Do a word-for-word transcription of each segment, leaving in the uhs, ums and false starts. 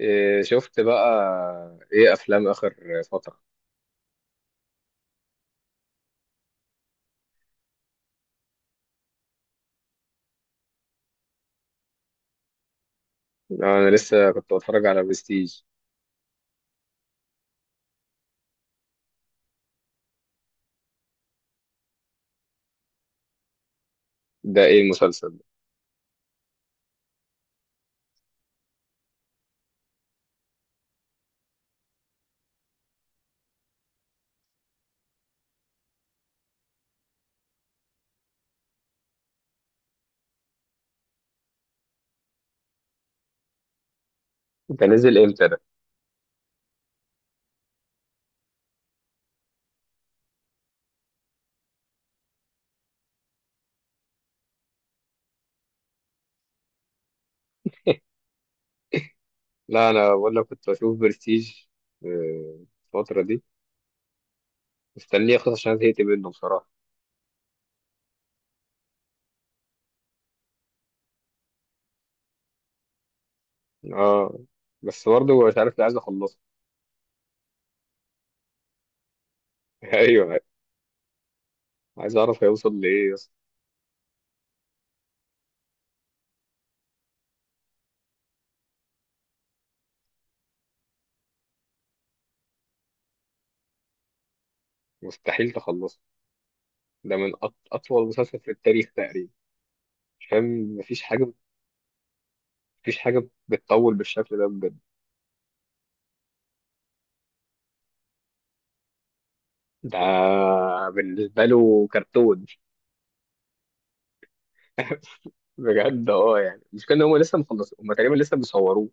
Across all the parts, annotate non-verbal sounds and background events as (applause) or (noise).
إيه، شفت بقى ايه افلام اخر فتره؟ انا لسه كنت بتفرج على برستيج. ده ايه المسلسل ده؟ ده نزل امتى ده؟ لا انا بقول لك كنت بشوف برستيج. إيه، الفتره دي مستنيه اخلص عشان زهقت منه بصراحه. اه، بس برضه مش عارف ليه عايز اخلصه. (laughs) ايوه، عايز اعرف هيوصل لايه يا اسطى. مستحيل تخلصه، ده من أط... اطول مسلسل في التاريخ تقريبا. مش فاهم، مفيش حاجه، مفيش حاجه بتطول بالشكل ده بجد. ده بالنسبه له كرتون. (laughs) بجد اه، يعني مش كان هم لسه مخلصين؟ هم تقريبا لسه بيصوروه.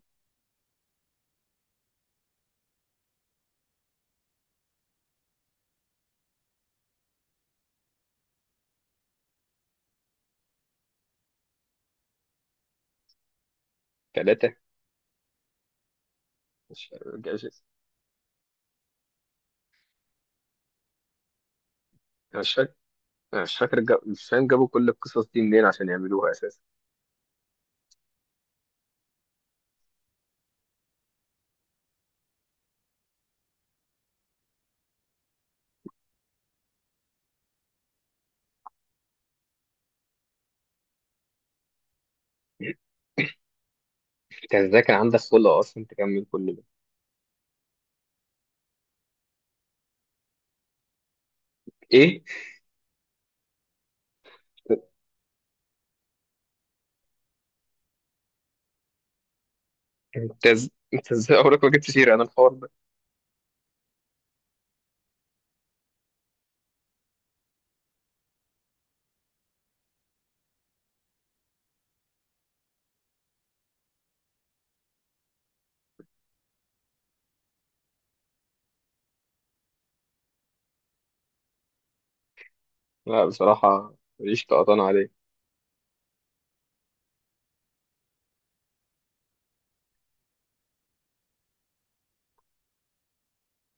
ثلاثة، مش مش مش فاكر، مش فاكر جاب... مش فاهم جابوا كل القصص دي منين عشان يعملوها اساسا. انت ازاي كان عندك خلق اصلا تكمل كل ده؟ ايه، انت إز- انت ازاي عمرك ما جبت سيرة انا الحوار ده؟ لا بصراحة ماليش طقطان عليه.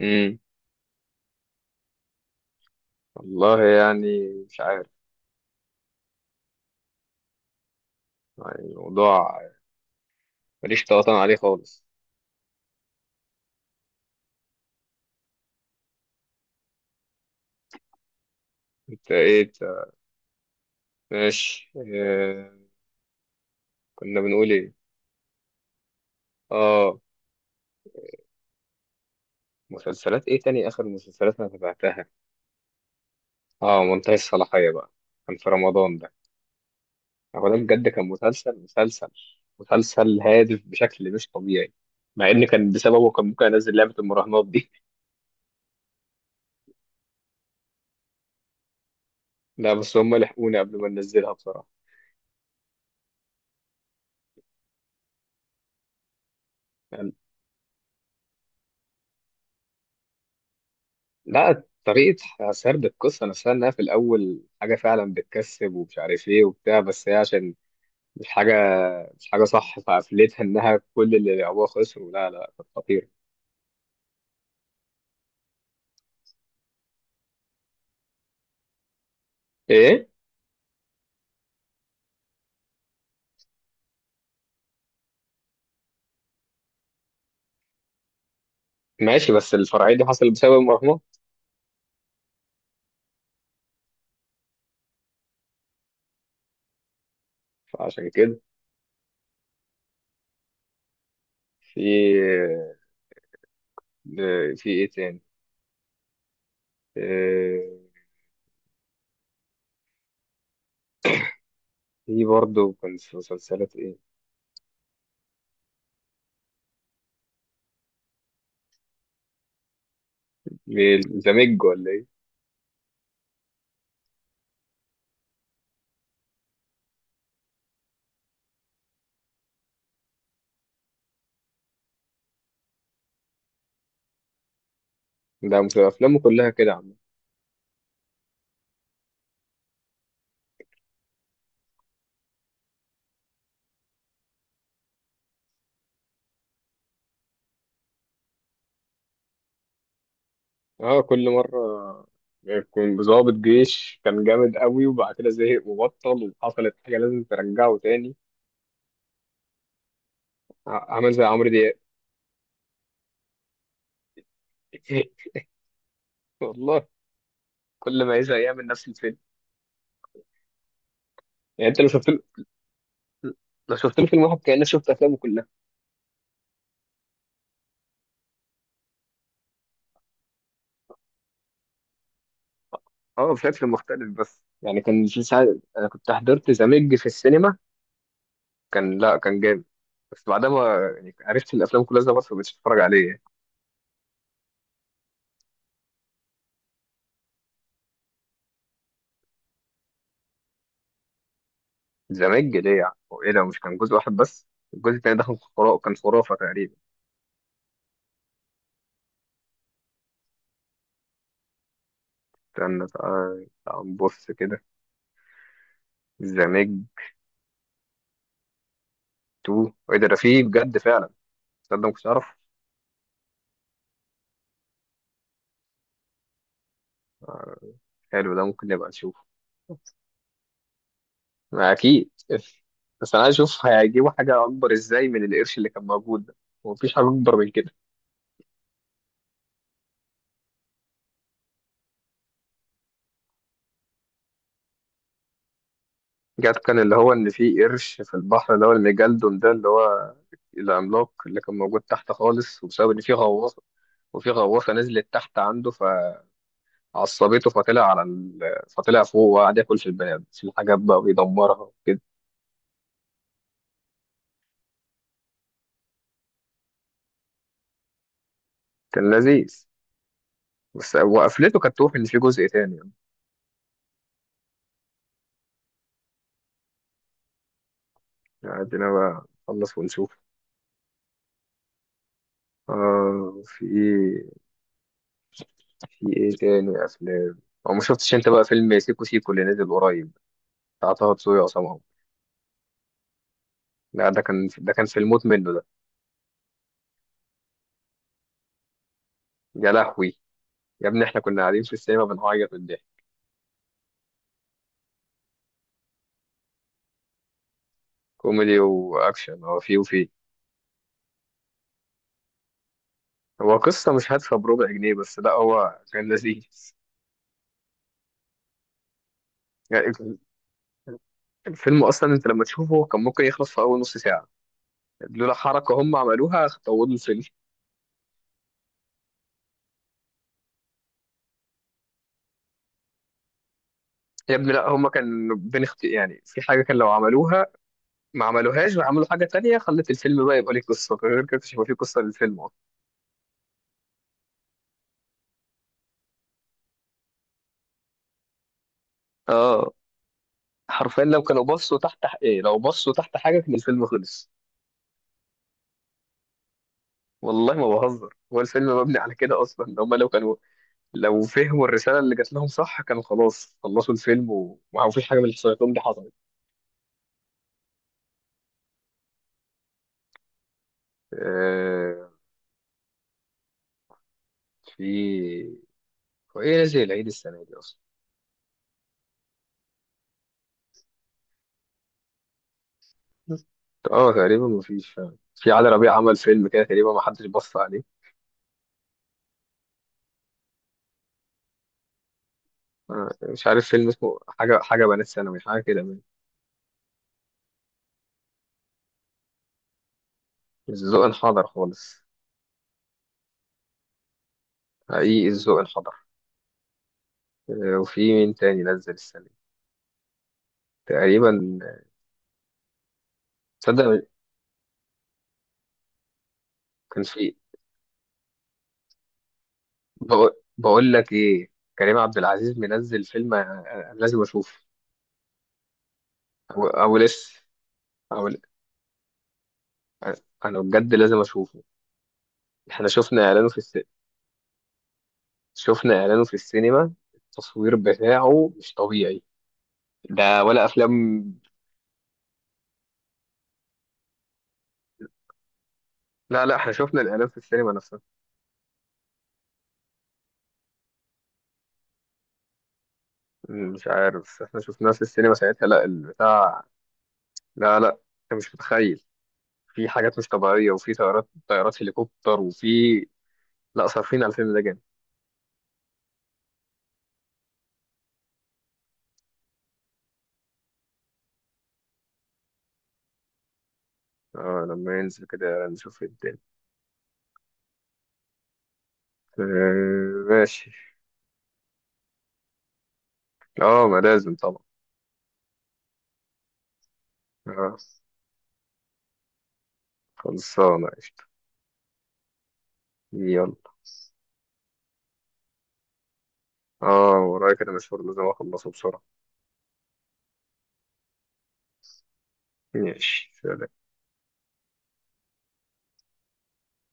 امم والله يعني مش عارف، يعني الموضوع ماليش طقطان عليه خالص. انت ايه؟ انت ماشي اه... كنا بنقول ايه؟ اه، مسلسلات ايه تاني اخر مسلسلات انا تابعتها؟ اه، منتهي الصلاحية بقى، كان في رمضان ده. هو ده بجد كان مسلسل مسلسل مسلسل هادف بشكل مش طبيعي، مع ان كان بسببه كان ممكن انزل لعبة المراهنات دي. (laughs) لا، بس هم لحقوني قبل ما ننزلها بصراحة. يعني لا، طريقة سرد القصة نفسها انها في الاول حاجة فعلا بتكسب ومش عارف ايه وبتاع، بس هي عشان مش حاجة، مش حاجة صح فقفلتها انها كل اللي لعبوها خسروا. لا لا، كانت خطيرة. ايه، ماشي بس الفرعية دي حصلت بسبب المراهنات. فعشان كده، في ده- في ايه تاني؟ آه، في برضه كانت في مسلسلات ايه؟ زمج ولا ايه؟ ده مس- افلامه كلها كده عم. اه كل مرة يكون ضابط جيش كان جامد قوي وبعد كده زهق وبطل وحصلت حاجة لازم ترجعه تاني. ع- عمل زي عمرو دياب. (laughs) والله كل ما يزهق يعمل نفس الفيلم. يعني انت لو شفت له لو شفت له فيلم واحد كأنك شفت افلامه كلها. اه بشكل مختلف، بس يعني كان في ساعة انا كنت حضرت زمج في السينما، كان لا كان جامد، بس بعدها ما يعني عرفت إن الافلام كلها زي بعض فمبقتش اتفرج عليه يعني. زمان جديع هو ايه ده؟ مش كان جزء واحد بس؟ الجزء التاني ده كان خرافة، كان خرافة تقريبا. استنى، تعال تعال نبص كده. زمان تو، ايه ده؟ ده فيه بجد فعلا؟ تصدق ما كنتش اعرف. حلو ده، ممكن نبقى نشوفه. ما اكيد. بس انا عايز اشوف هيجيبوا حاجة اكبر ازاي من القرش اللي كان موجود ده؟ ومفيش حاجة اكبر من كده. جت كان اللي هو ان في قرش في البحر اللي هو الميجالدون ده، اللي هو العملاق اللي كان موجود تحت خالص، وبسبب ان في غواصه، وفي غواصه نزلت تحت عنده فعصبته فطلع على ال... فطلع فوق وقعد ياكل في البنات في الحاجات بقى ويدمرها وكده. كان لذيذ، بس وقفلته كانت توفي ان في جزء تاني يعني. عندنا بقى نخلص ونشوف. آه في ايه؟ في ايه تاني افلام؟ او ما شفتش انت بقى فيلم سيكو سيكو اللي نزل قريب، بتاع طه دسوقي وعصام عمر؟ لا، ده كان ده كان في الموت منه ده. يا لهوي، يا ابني احنا كنا قاعدين في السينما بنعيط من الضحك. كوميدي واكشن، هو فيه وفيه. هو قصة مش هادفة بربع جنيه، بس لا هو كان لذيذ يعني. الفيلم اصلا انت لما تشوفه كان ممكن يخلص في اول نص ساعة، لولا حركة هم عملوها طولوا الفيلم. يا ابني لا، هم كان بين اخت... يعني في حاجة كان لو عملوها ما عملوهاش، وعملوا حاجة تانية خلت الفيلم بقى يبقى ليه قصة، غير كده مش هيبقى فيه قصة للفيلم اصلا. اه، حرفيا لو كانوا بصوا تحت ح- ايه، لو بصوا تحت حاجة كان الفيلم خلص. والله ما بهزر، هو الفيلم مبني على كده اصلا، ان هم لو كانوا، لو فهموا الرساله اللي جات لهم صح كانوا خلاص خلصوا الفيلم و- وما فيش حاجه من اللي حصلت لهم دي حصلت. آه، في هو ايه نزل العيد السنه دي اصلا؟ اه تقريبا ما فيش فعلا، في علي ربيع عمل فيلم كده تقريبا ما حدش بص عليه. آه، مش عارف فيلم اسمه حاجه، حاجه بنات ثانوي حاجه كده من الذوق انحدر خالص، حقيقي الذوق انحدر. آه، وفي مين تاني نزل السنه دي؟ تقريبا، تصدق كان في. بقول بقول لك ايه، كريم عبد العزيز منزل فيلم أنا لازم اشوفه. او, أو لسه، او ل- آه، انا بجد لازم اشوفه. احنا شفنا اعلانه في الس... شفنا اعلانه في السينما، التصوير بتاعه مش طبيعي. ده ولا افلام؟ لا لا، احنا شفنا الاعلان في السينما نفسها. م، مش عارف، بس احنا شفناه في السينما ساعتها، لا البتاع. لا لا، انت مش متخيل، في حاجات مش طبيعية، وفي طيارات، طيارات هليكوبتر، وفي، لا صارفين على الفيلم ده جامد. اه لما ينزل كده نشوف الدنيا. آه، ماشي. اه ما لازم طبعا. آه، خلصانة قشطة. يلا، اه ورايا كده مشوار لازم اخلصه بسرعة. ماشي سلام.